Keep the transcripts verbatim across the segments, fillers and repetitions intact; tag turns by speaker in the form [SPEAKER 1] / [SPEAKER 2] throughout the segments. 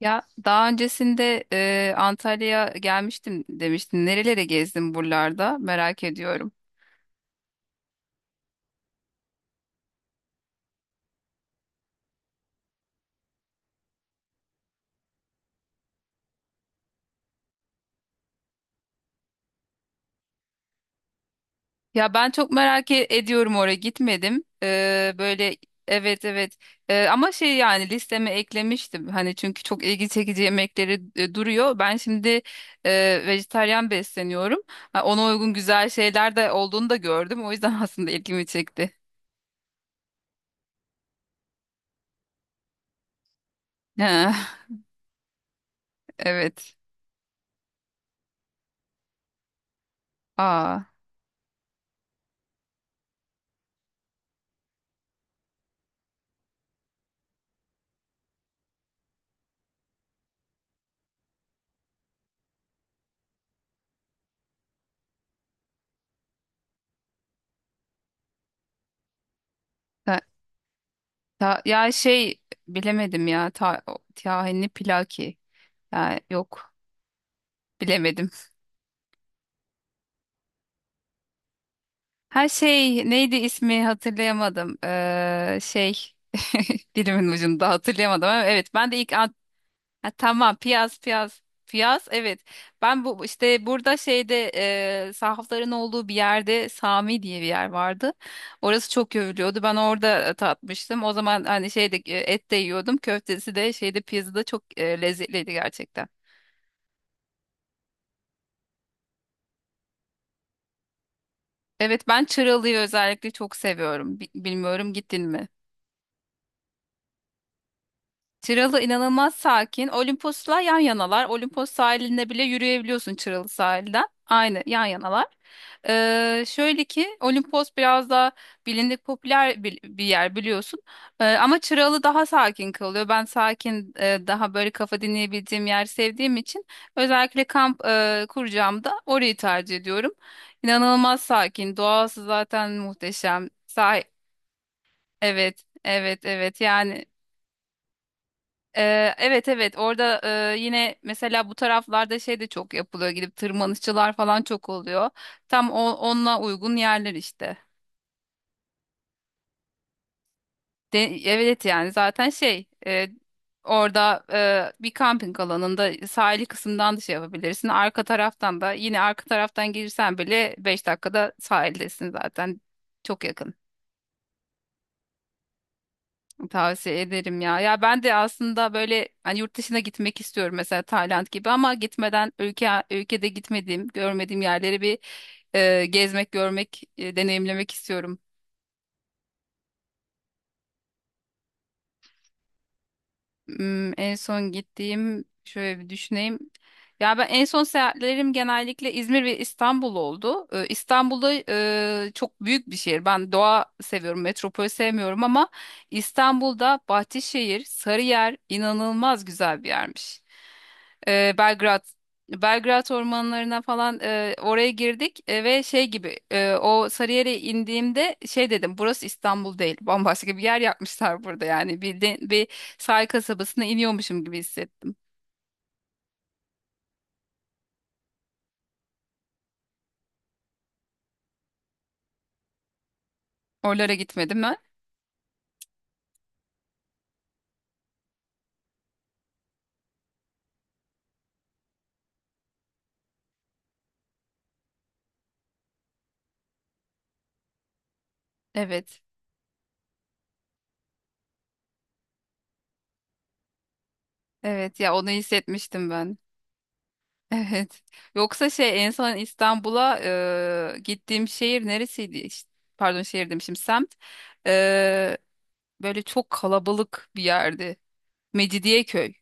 [SPEAKER 1] Ya daha öncesinde e, Antalya'ya gelmiştim demiştin. Nerelere gezdin buralarda? Merak ediyorum. Ya ben çok merak e- ediyorum, oraya gitmedim. Ee, böyle, evet, evet. Ee, ama şey, yani listeme eklemiştim. Hani çünkü çok ilgi çekici yemekleri e, duruyor. Ben şimdi e, vejetaryen besleniyorum. Ha, ona uygun güzel şeyler de olduğunu da gördüm. O yüzden aslında ilgimi çekti. Ha, evet. Aa. Ta- ya şey, bilemedim ya. Ta Tahinli Pilaki. Ya, yok, bilemedim. Her şey, neydi ismi, hatırlayamadım. Ee, şey, dilimin ucunda hatırlayamadım, ama evet, ben de ilk an- ha, tamam, piyaz piyaz piyaz, evet. Ben bu işte burada şeyde, e, sahafların olduğu bir yerde, Sami diye bir yer vardı. Orası çok övülüyordu. Ben orada e, tatmıştım. O zaman hani şeyde e, et de yiyordum. Köftesi de şeyde, piyazı da çok e, lezzetliydi gerçekten. Evet, ben Çıralı'yı özellikle çok seviyorum. Bi- Bilmiyorum, gittin mi? Çıralı inanılmaz sakin. Olimpos'la yan yanalar. Olimpos sahilinde bile yürüyebiliyorsun Çıralı sahilden. Aynı, yan yanalar. Ee, şöyle ki Olimpos biraz daha bilindik, popüler bir, bir yer, biliyorsun. Ee, ama Çıralı daha sakin kalıyor. Ben sakin, e, daha böyle kafa dinleyebildiğim yer sevdiğim için, özellikle kamp e, kuracağımda orayı tercih ediyorum. İnanılmaz sakin. Doğası zaten muhteşem. Sah Evet, evet, evet. Yani e, evet, evet. Orada e, yine mesela bu taraflarda şey de çok yapılıyor. Gidip tırmanışçılar falan çok oluyor. Tam o, onunla uygun yerler işte. De, evet, yani zaten şey, e, orada e, bir kamping alanında, sahili kısımdan da şey yapabilirsin. Arka taraftan da, yine arka taraftan gelirsen bile beş dakikada sahildesin zaten. Çok yakın. Tavsiye ederim ya. Ya, ben de aslında böyle, hani yurt dışına gitmek istiyorum, mesela Tayland gibi, ama gitmeden ülke ülkede gitmediğim, görmediğim yerleri bir e, gezmek, görmek, e, deneyimlemek istiyorum. Hmm, en son gittiğim, şöyle bir düşüneyim. Ya, ben en son, seyahatlerim genellikle İzmir ve İstanbul oldu. Ee, İstanbul'da, e, çok büyük bir şehir. Ben doğa seviyorum, metropol sevmiyorum, ama İstanbul'da Bahçeşehir, Sarıyer inanılmaz güzel bir yermiş. Ee, Belgrad, Belgrad ormanlarına falan, e, oraya girdik e, ve şey gibi, e, o Sarıyer'e indiğimde şey dedim, burası İstanbul değil, bambaşka bir yer yapmışlar burada, yani bir sahil kasabasına iniyormuşum gibi hissettim. Oralara gitmedim ben. Evet. Evet, ya onu hissetmiştim ben. Evet. Yoksa şey, en son İstanbul'a e, gittiğim şehir neresiydi? İşte, pardon, şehir demişim, semt. E, böyle çok kalabalık bir yerdi. Mecidiyeköy.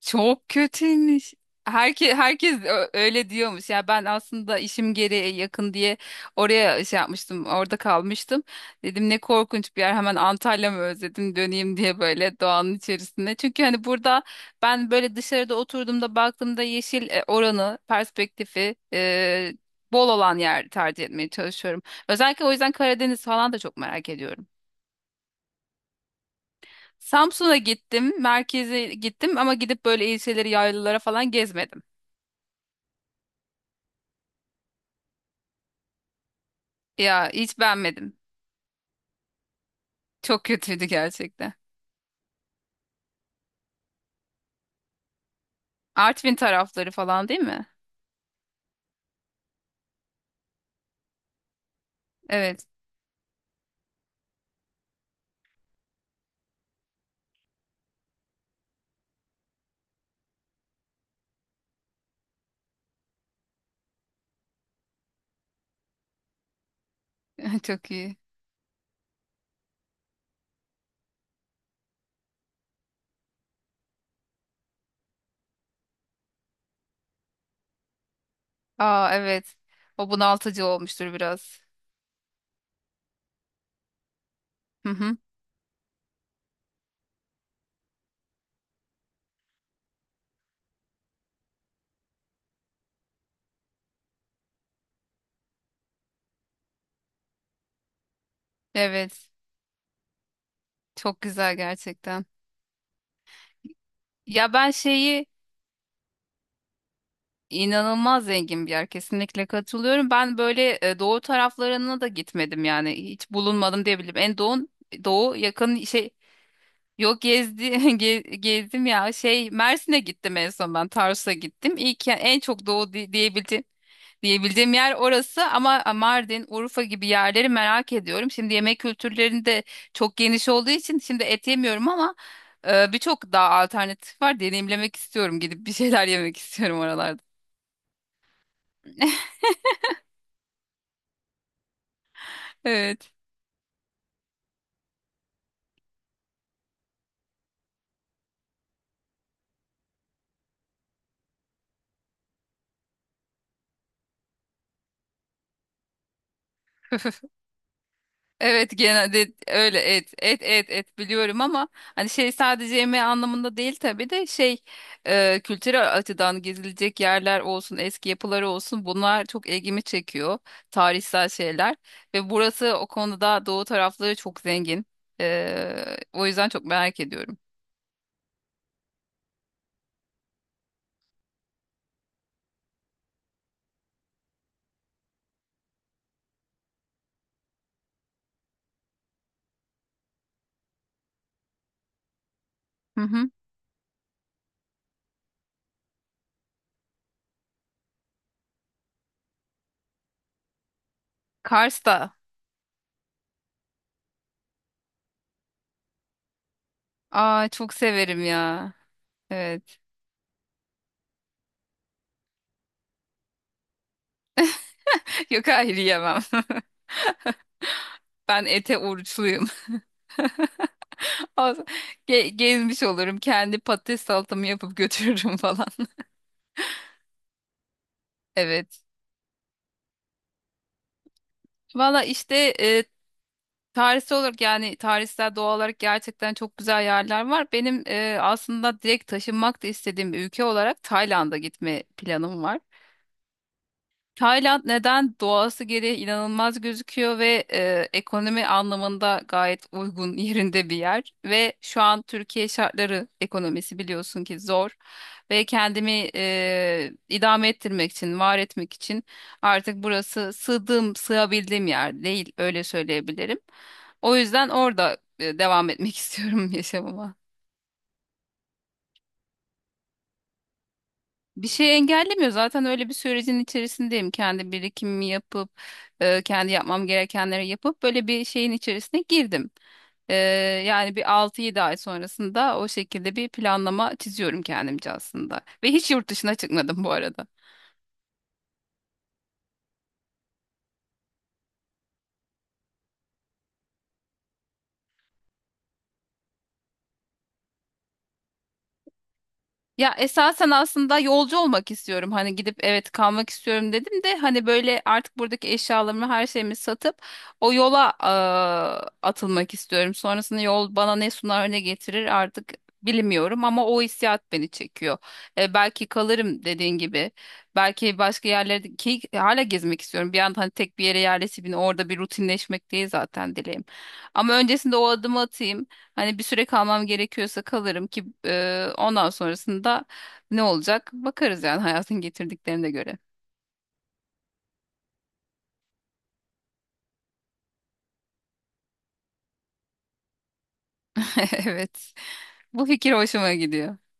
[SPEAKER 1] Çok kötüymüş. Herke, herkes ö- öyle diyormuş. Ya, ben aslında işim gereği yakın diye oraya şey yapmıştım. Orada kalmıştım. Dedim, ne korkunç bir yer. Hemen Antalya'mı özledim, döneyim diye, böyle doğanın içerisinde. Çünkü hani burada ben böyle dışarıda oturduğumda, baktığımda, yeşil e, oranı, perspektifi e, bol olan yer tercih etmeye çalışıyorum. Özellikle o yüzden Karadeniz falan da çok merak ediyorum. Samsun'a gittim, merkeze gittim, ama gidip böyle ilçeleri, yaylalara falan gezmedim. Ya, hiç beğenmedim. Çok kötüydü gerçekten. Artvin tarafları falan, değil mi? Evet. Çok iyi. Aa, evet. O bunaltıcı olmuştur biraz. Hı hı. Evet. Çok güzel gerçekten. Ya, ben şeyi, inanılmaz zengin bir yer, kesinlikle katılıyorum. Ben böyle e, doğu taraflarına da gitmedim, yani hiç bulunmadım diyebilirim. En doğu doğu yakın şey. Yok, gezdi, ge- gezdim ya, şey Mersin'e gittim, en son ben Tarsus'a gittim. İlk ya- en çok doğu di- diyebildiğim diyebildiğim yer orası, ama Mardin, Urfa gibi yerleri merak ediyorum. Şimdi yemek kültürlerinde de çok geniş olduğu için, şimdi et yemiyorum ama, e, birçok daha alternatif var. Deneyimlemek istiyorum, gidip bir şeyler yemek istiyorum oralarda. Evet. Evet, genelde öyle et et et et biliyorum, ama hani şey, sadece yemeği anlamında değil tabii de, şey e, kültürel açıdan gezilecek yerler olsun, eski yapıları olsun, bunlar çok ilgimi çekiyor, tarihsel şeyler, ve burası o konuda doğu tarafları çok zengin. E, o yüzden çok merak ediyorum. Hı hı. Kars'ta, aa, çok severim ya. Evet. Yok, hayır, yemem. Ben ete oruçluyum. Az- Ge- gezmiş olurum. Kendi patates salatamı yapıp götürürüm falan. Evet. Valla işte, e, tarihsel olarak, yani tarihsel, doğal olarak gerçekten çok güzel yerler var. Benim e, aslında direkt taşınmak da istediğim bir ülke olarak, Tayland'a gitme planım var. Tayland neden, doğası gereği inanılmaz gözüküyor ve e, ekonomi anlamında gayet uygun yerinde bir yer, ve şu an Türkiye şartları, ekonomisi biliyorsun ki zor, ve kendimi e, idame ettirmek için, var etmek için, artık burası sığdığım, sığabildiğim yer değil, öyle söyleyebilirim. O yüzden orada e, devam etmek istiyorum yaşamıma. Bir şey engellemiyor. Zaten öyle bir sürecin içerisindeyim. Kendi birikimimi yapıp, e, kendi yapmam gerekenleri yapıp, böyle bir şeyin içerisine girdim. E, yani bir altı yedi ay sonrasında, o şekilde bir planlama çiziyorum kendimce aslında. Ve hiç yurt dışına çıkmadım bu arada. Ya, esasen aslında yolcu olmak istiyorum. Hani gidip, evet kalmak istiyorum dedim de, hani böyle artık buradaki eşyalarımı, her şeyimi satıp o yola eee, atılmak istiyorum. Sonrasında yol bana ne sunar, ne getirir, artık bilmiyorum ama o hissiyat beni çekiyor. E, belki kalırım, dediğin gibi. Belki başka yerlerde, ki hala gezmek istiyorum. Bir anda hani tek bir yere yerleşip, yine orada bir rutinleşmek değil zaten dileğim. Ama öncesinde o adımı atayım. Hani bir süre kalmam gerekiyorsa kalırım, ki e, ondan sonrasında ne olacak bakarız, yani hayatın getirdiklerine göre. Evet. Bu fikir hoşuma gidiyor.